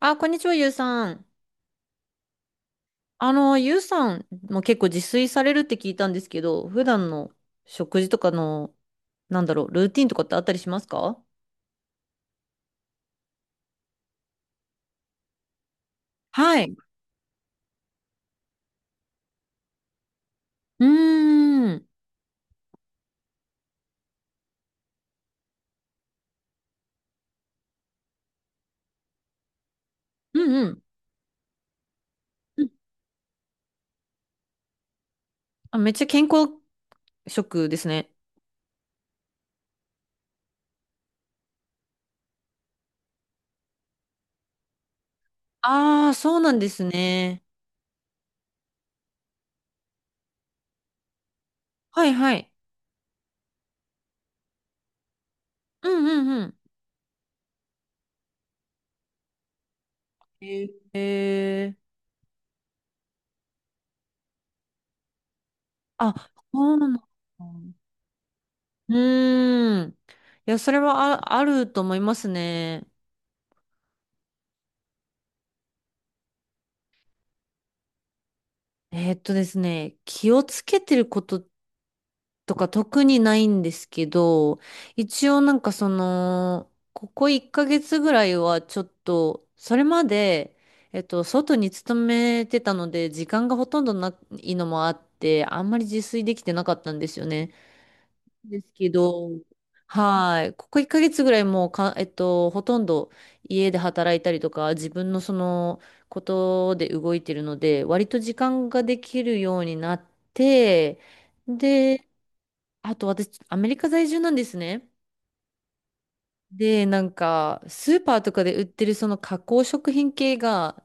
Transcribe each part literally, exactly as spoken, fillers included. あ、こんにちは、ゆうさん。あの、ゆうさんも結構自炊されるって聞いたんですけど、普段の食事とかの、なんだろう、ルーティンとかってあったりしますか？はい。うーん。うんうん。うん。あ、めっちゃ健康食ですね。ああ、そうなんですね。はいはい。うんうんうん。ええ。あ、そうなのか。うーん。いや、それは、あ、あると思いますね。えーっとですね、気をつけてることっとか特にないんですけど、一応なんかその、ここいっかげつぐらいはちょっと、それまで、えっと、外に勤めてたので、時間がほとんどないのもあって、あんまり自炊できてなかったんですよね。ですけど、はい。ここいっかげつぐらいもうか、えっと、ほとんど家で働いたりとか、自分のそのことで動いてるので、割と時間ができるようになって、で、あと私、アメリカ在住なんですね。で、なんか、スーパーとかで売ってるその加工食品系が、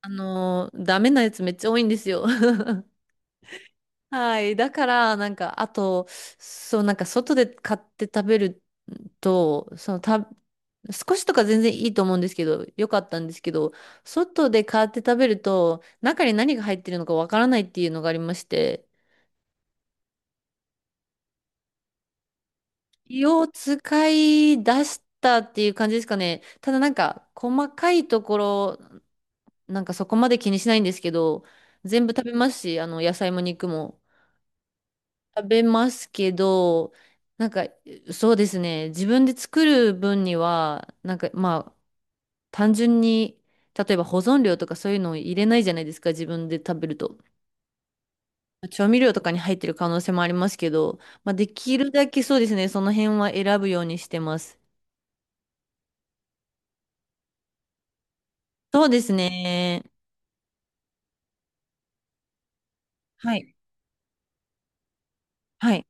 あのーダメなやつめっちゃ多いんですよ。はい。だから、なんか、あと、そう、なんか、外で買って食べると、その、た、少しとか全然いいと思うんですけど、よかったんですけど、外で買って食べると、中に何が入ってるのかわからないっていうのがありまして、気を使い出したっていう感じですかね。ただなんか、細かいところ、なんかそこまで気にしないんですけど、全部食べますし、あの、野菜も肉も食べますけど、なんか、そうですね。自分で作る分には、なんか、まあ、単純に、例えば保存料とかそういうのを入れないじゃないですか、自分で食べると。調味料とかに入ってる可能性もありますけど、まあ、できるだけそうですね、その辺は選ぶようにしてます。そうですね。はい。はい。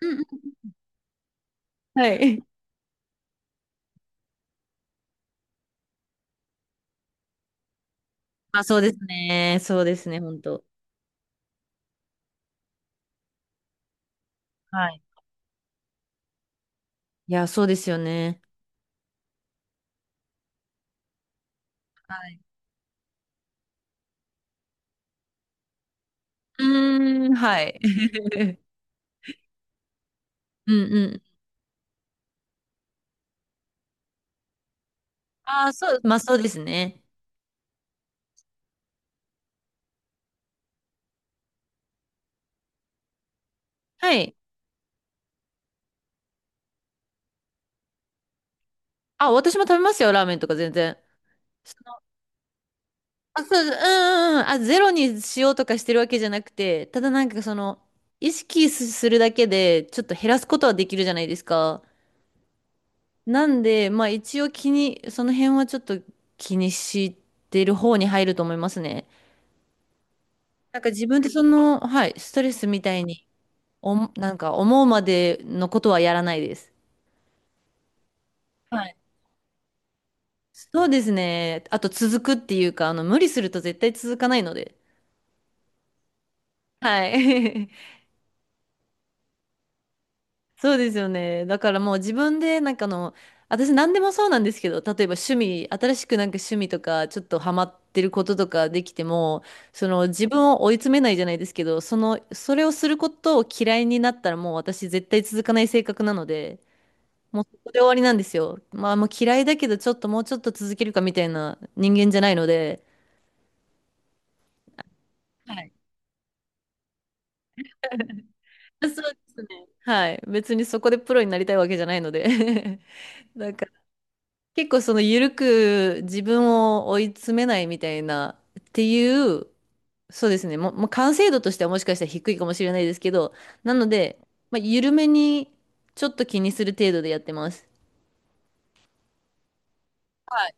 うんうん。はい。あ、そうですね。そうですね、本当。はい。いや、そうですよね。はい。うーん、はい。うんうん。ああ、そう、まあそうですね。はい。あ、私も食べますよ、ラーメンとか全然。その、あ、そう、うんうんうん。あ、ゼロにしようとかしてるわけじゃなくて、ただなんかその、意識すするだけで、ちょっと減らすことはできるじゃないですか。なんで、まあ一応気に、その辺はちょっと気にしてる方に入ると思いますね。なんか自分でその、はい、ストレスみたいに、おなんか思うまでのことはやらないです。はい。そうですね。あと続くっていうか、あの、無理すると絶対続かないので。はい。そうですよね。だからもう自分で、なんかあの、私何でもそうなんですけど、例えば趣味、新しくなんか趣味とか、ちょっとハマってることとかできても、その自分を追い詰めないじゃないですけど、その、それをすることを嫌いになったらもう私絶対続かない性格なので、もうそこで終わりなんですよ。まあ、もう嫌いだけど、ちょっともうちょっと続けるかみたいな人間じゃないので、はい。そうですね。はい。別にそこでプロになりたいわけじゃないので。 なんか、結構その緩く自分を追い詰めないみたいなっていう、そうですね。も、もう完成度としてはもしかしたら低いかもしれないですけど、なので、まあ、緩めにちょっと気にする程度でやってます。はい。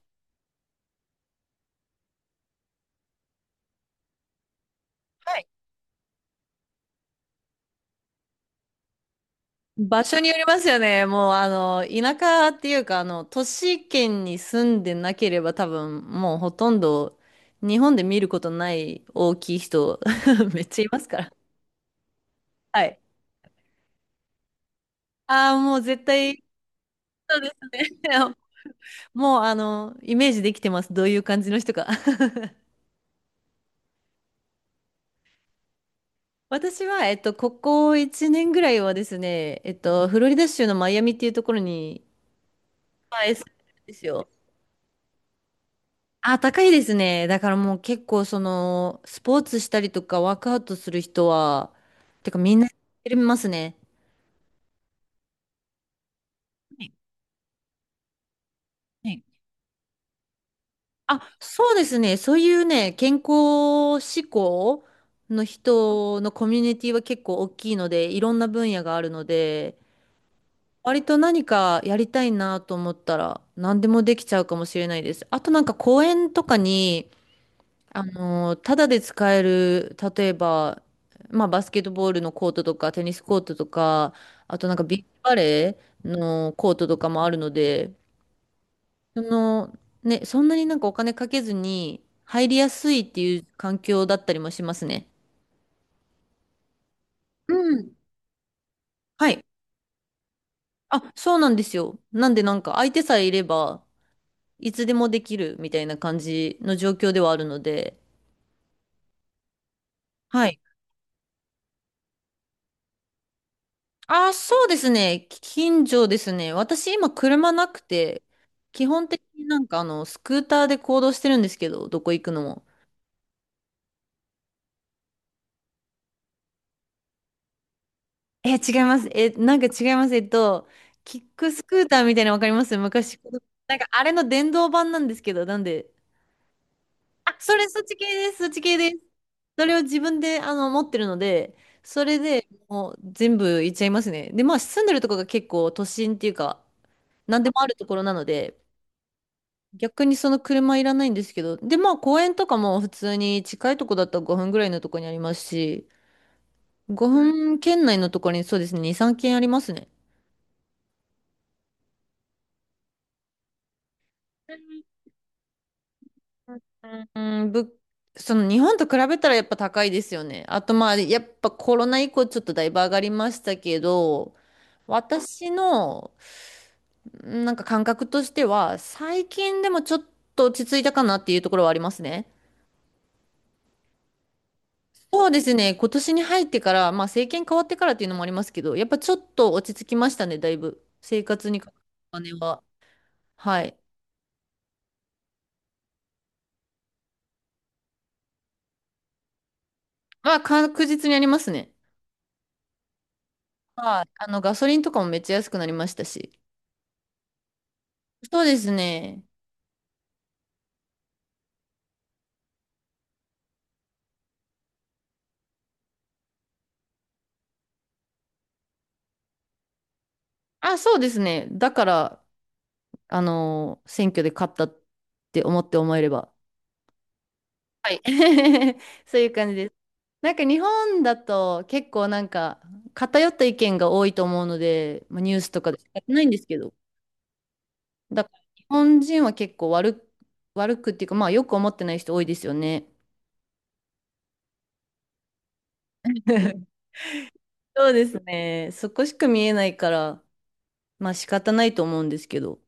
はい。場所によりますよね。もう、あの、田舎っていうか、あの、都市圏に住んでなければ多分、もうほとんど日本で見ることない大きい人、めっちゃいますから。はい。ああ、もう絶対、そうですね。もう、あの、イメージできてます。どういう感じの人か。私は、えっと、ここいちねんぐらいはですね、えっと、フロリダ州のマイアミっていうところに、まあ住んでるんですよ。あ、高いですね。だからもう結構その、スポーツしたりとかワークアウトする人は、てかみんなやってますね。はいはい。あ、そうですね。そういうね、健康志向の人のコミュニティは結構大きいので、いろんな分野があるので、割と何かやりたいなと思ったら、何でもできちゃうかもしれないです。あとなんか公園とかに、あの、ただで使える、例えば、まあ、バスケットボールのコートとか、テニスコートとか、あとなんかビーチバレーのコートとかもあるので、その、ね、そんなになんかお金かけずに入りやすいっていう環境だったりもしますね。うん。はい。あ、そうなんですよ。なんでなんか相手さえいれば、いつでもできるみたいな感じの状況ではあるので、はい。あ、そうですね。近所ですね。私今車なくて、基本的になんかあの、スクーターで行動してるんですけど、どこ行くのも。え、違います。え、なんか違います。えっと、キックスクーターみたいなのわかります昔。なんかあれの電動版なんですけど、なんで。あ、それ、そっち系です。そっち系です。それを自分であの、持ってるので、それでもう全部行っちゃいますね。で、まあ住んでるとこが結構都心っていうか、なんでもあるところなので、逆にその車いらないんですけど、で、まあ公園とかも普通に近いとこだったらごふんぐらいのとこにありますし、ごふんごふん圏内のところにそうですね、に、さん軒ありますね。うん、うんぶ、その日本と比べたらやっぱ高いですよね。あとまあやっぱコロナ以降ちょっとだいぶ上がりましたけど、私のなんか感覚としては最近でもちょっと落ち着いたかなっていうところはありますね。そうですね、今年に入ってから、まあ政権変わってからっていうのもありますけど、やっぱちょっと落ち着きましたね、だいぶ。生活にかかるお金は。はい。まあ確実にありますね。はい。あの、ガソリンとかもめっちゃ安くなりましたし。そうですね。あ、そうですね。だから、あの、選挙で勝ったって思って思えれば。はい。そういう感じです。なんか日本だと結構なんか偏った意見が多いと思うので、まあ、ニュースとかで仕方ないんですけど。だから日本人は結構悪く、悪くっていうか、まあよく思ってない人多いですよね。そうですね。そこしか見えないから、まあ仕方ないと思うんですけど。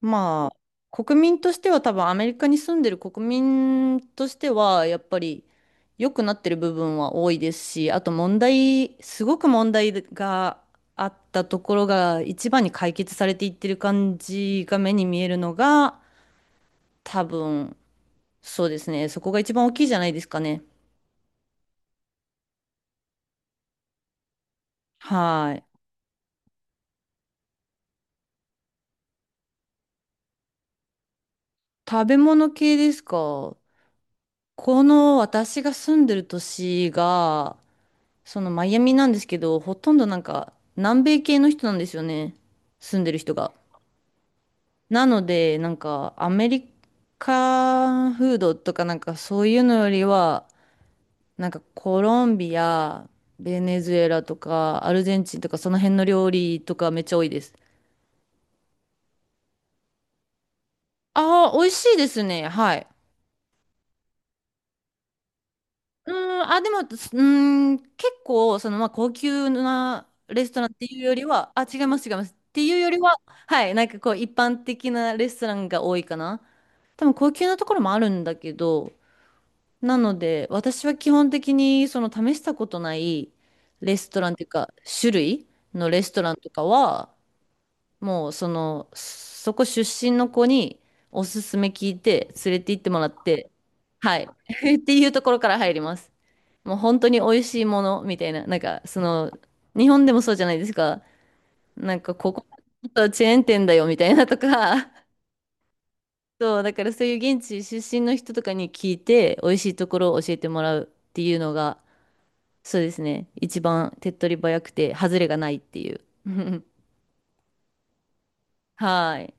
まあ、国民としては多分アメリカに住んでる国民としては、やっぱり良くなってる部分は多いですし、あと問題、すごく問題があったところが一番に解決されていってる感じが目に見えるのが、多分、そうですね。そこが一番大きいじゃないですかね。はい。食べ物系ですか？この私が住んでる都市が、そのマイアミなんですけど、ほとんどなんか南米系の人なんですよね。住んでる人が。なので、なんかアメリカフードとかなんかそういうのよりは、なんかコロンビア、ベネズエラとかアルゼンチンとかその辺の料理とかめっちゃ多いです。ああ、美味しいですね。はい。うーん、あ、でも、すうーん、結構、その、まあ、高級なレストランっていうよりは、あ、違います、違います。っていうよりは、はい、なんかこう、一般的なレストランが多いかな。多分、高級なところもあるんだけど、なので、私は基本的に、その、試したことないレストランっていうか、種類のレストランとかは、もう、その、そこ出身の子に、おすすめ聞いて、連れて行ってもらって、はい。っていうところから入ります。もう本当に美味しいものみたいな、なんかその、日本でもそうじゃないですか。なんかここ、ちょっとチェーン店だよみたいなとか、そう、だからそういう現地出身の人とかに聞いて、美味しいところを教えてもらうっていうのが、そうですね、一番手っ取り早くて、外れがないっていう。はい。